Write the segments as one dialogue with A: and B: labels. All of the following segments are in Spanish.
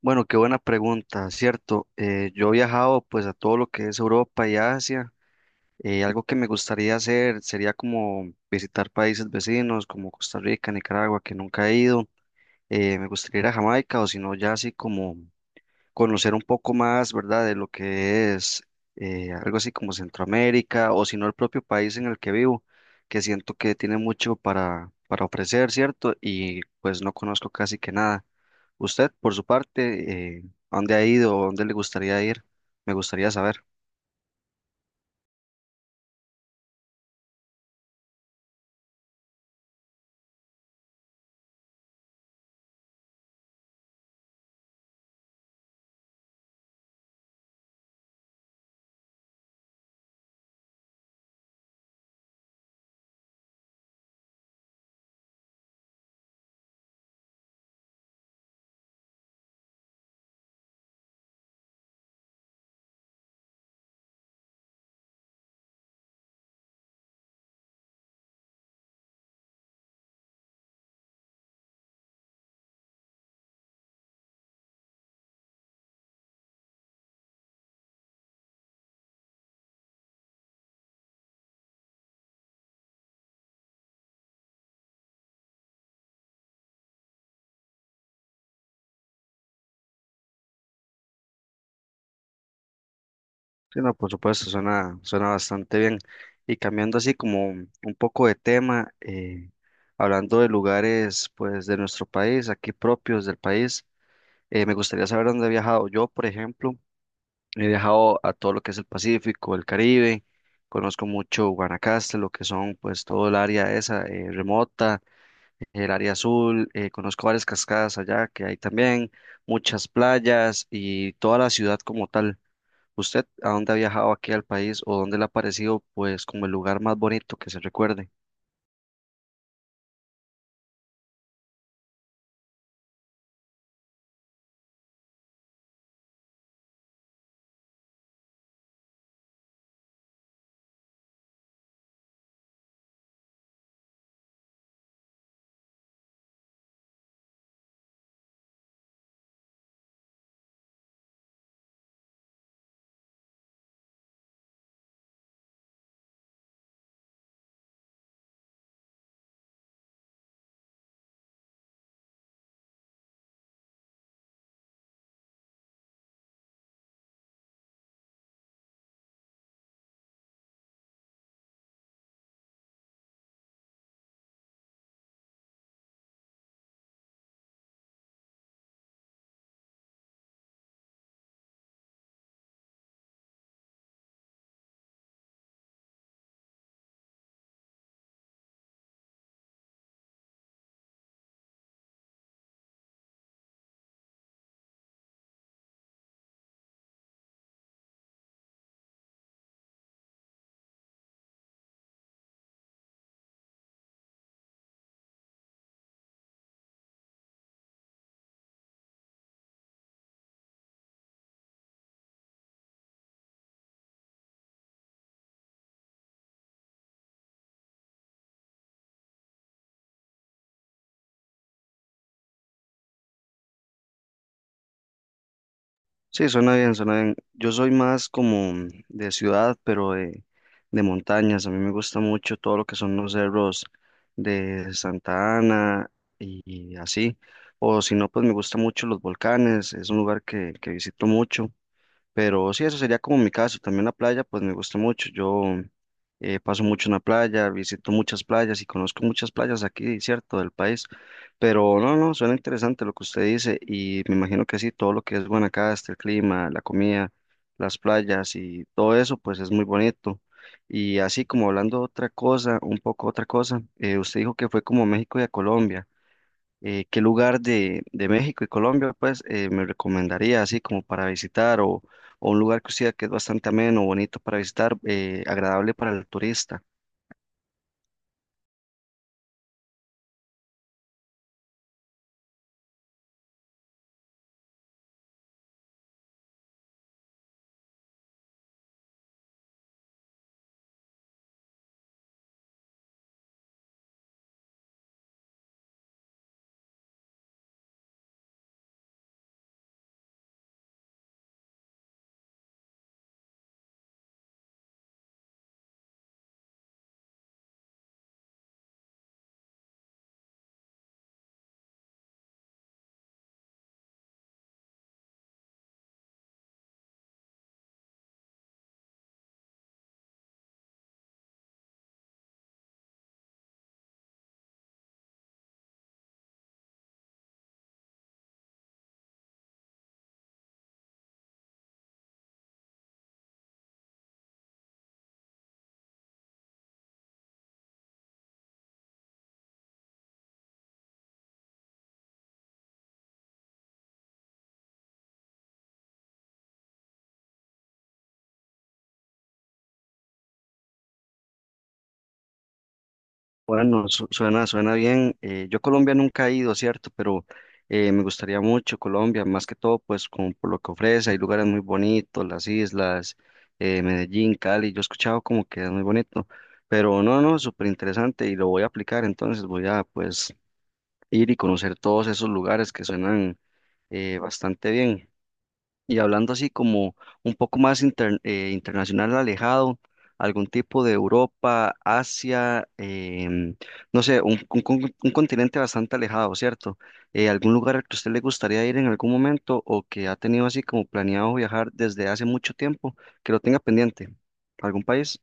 A: Bueno, qué buena pregunta, cierto. Yo he viajado pues a todo lo que es Europa y Asia. Algo que me gustaría hacer sería como visitar países vecinos como Costa Rica, Nicaragua, que nunca he ido. Me gustaría ir a Jamaica o si no ya así como conocer un poco más, ¿verdad? De lo que es algo así como Centroamérica o si no el propio país en el que vivo, que siento que tiene mucho para ofrecer, ¿cierto? Y pues no conozco casi que nada. Usted, por su parte, ¿a ¿dónde ha ido o dónde le gustaría ir? Me gustaría saber. Sí, no, por supuesto, suena bastante bien. Y cambiando así como un poco de tema, hablando de lugares pues de nuestro país, aquí propios del país, me gustaría saber dónde he viajado. Yo, por ejemplo, he viajado a todo lo que es el Pacífico, el Caribe, conozco mucho Guanacaste, lo que son pues todo el área esa remota, el área azul, conozco varias cascadas allá que hay también, muchas playas y toda la ciudad como tal. ¿Usted a dónde ha viajado aquí al país o dónde le ha parecido pues como el lugar más bonito que se recuerde? Sí, suena bien, suena bien. Yo soy más como de ciudad, pero de montañas. A mí me gusta mucho todo lo que son los cerros de Santa Ana y, y así. O si no, pues me gusta mucho los volcanes. Es un lugar que visito mucho. Pero sí, eso sería como mi caso. También la playa, pues me gusta mucho. Yo paso mucho en la playa, visito muchas playas y conozco muchas playas aquí, cierto, del país. Pero no, no, suena interesante lo que usted dice y me imagino que sí, todo lo que es Guanacaste, el clima, la comida, las playas y todo eso, pues es muy bonito. Y así como hablando otra cosa, un poco otra cosa, usted dijo que fue como a México y a Colombia, ¿qué lugar de México y Colombia, pues, me recomendaría así como para visitar o un lugar que usted que es bastante ameno, bonito para visitar, agradable para el turista? Bueno, suena, suena bien. Yo a Colombia nunca he ido, ¿cierto? Pero me gustaría mucho Colombia, más que todo, pues, como por lo que ofrece. Hay lugares muy bonitos, las islas, Medellín, Cali. Yo he escuchado como que es muy bonito. Pero no, no, súper interesante y lo voy a aplicar, entonces voy a, pues, ir y conocer todos esos lugares que suenan bastante bien. Y hablando así como un poco más internacional, alejado, algún tipo de Europa, Asia, em, no sé, un, un continente bastante alejado, ¿cierto? ¿Algún lugar al que a usted le gustaría ir en algún momento o que ha tenido así como planeado viajar desde hace mucho tiempo, que lo tenga pendiente? ¿Algún país?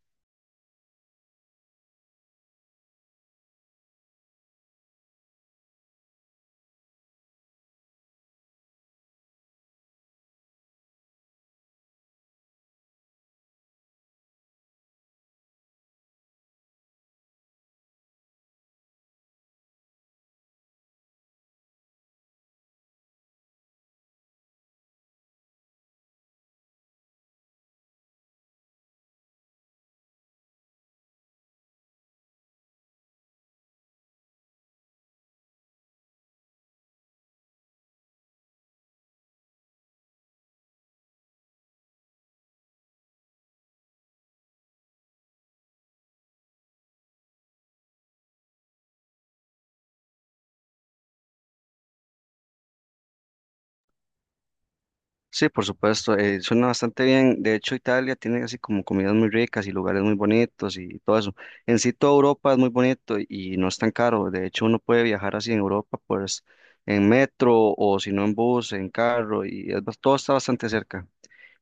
A: Sí, por supuesto, suena bastante bien. De hecho, Italia tiene así como comidas muy ricas y lugares muy bonitos y todo eso. En sí, toda Europa es muy bonito y no es tan caro. De hecho, uno puede viajar así en Europa, pues en metro o si no en bus, en carro y es todo está bastante cerca.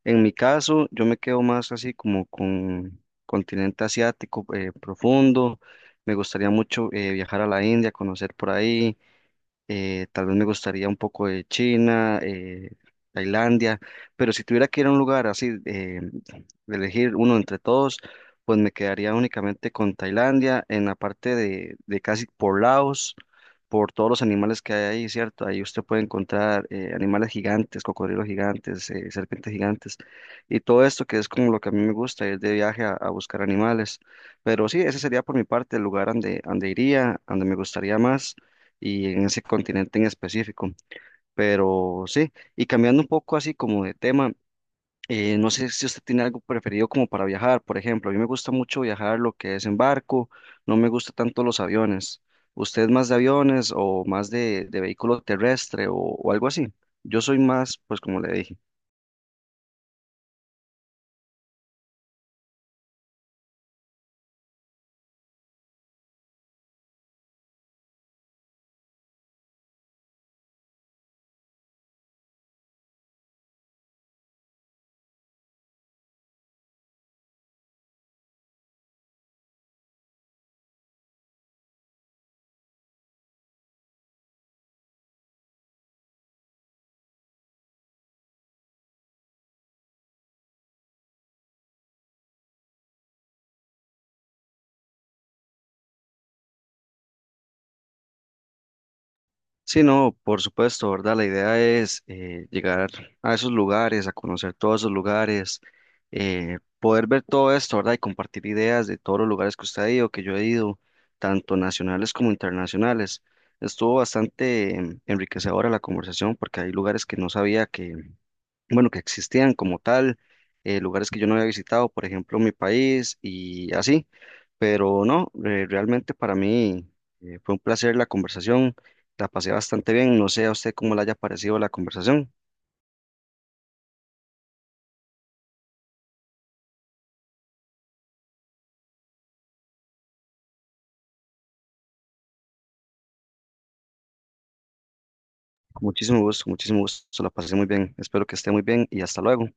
A: En mi caso, yo me quedo más así como con continente asiático profundo. Me gustaría mucho viajar a la India, conocer por ahí, tal vez me gustaría un poco de China, Tailandia, pero si tuviera que ir a un lugar así, de elegir uno entre todos, pues me quedaría únicamente con Tailandia, en la parte de casi por Laos, por todos los animales que hay ahí, ¿cierto? Ahí usted puede encontrar animales gigantes, cocodrilos gigantes, serpientes gigantes, y todo esto que es como lo que a mí me gusta, ir de viaje a buscar animales. Pero sí, ese sería por mi parte el lugar donde, donde iría, donde me gustaría más y en ese continente en específico. Pero sí, y cambiando un poco así como de tema, no sé si usted tiene algo preferido como para viajar, por ejemplo, a mí me gusta mucho viajar lo que es en barco, no me gusta tanto los aviones. ¿Usted es más de aviones o más de vehículo terrestre o algo así? Yo soy más, pues como le dije. Sí, no, por supuesto, ¿verdad? La idea es llegar a esos lugares, a conocer todos esos lugares, poder ver todo esto, ¿verdad? Y compartir ideas de todos los lugares que usted ha ido, que yo he ido, tanto nacionales como internacionales. Estuvo bastante enriquecedora la conversación porque hay lugares que no sabía que, bueno, que existían como tal, lugares que yo no había visitado, por ejemplo, mi país y así, pero no, realmente para mí fue un placer la conversación, la pasé bastante bien, no sé a usted cómo le haya parecido la conversación. Con muchísimo gusto, la pasé muy bien, espero que esté muy bien y hasta luego.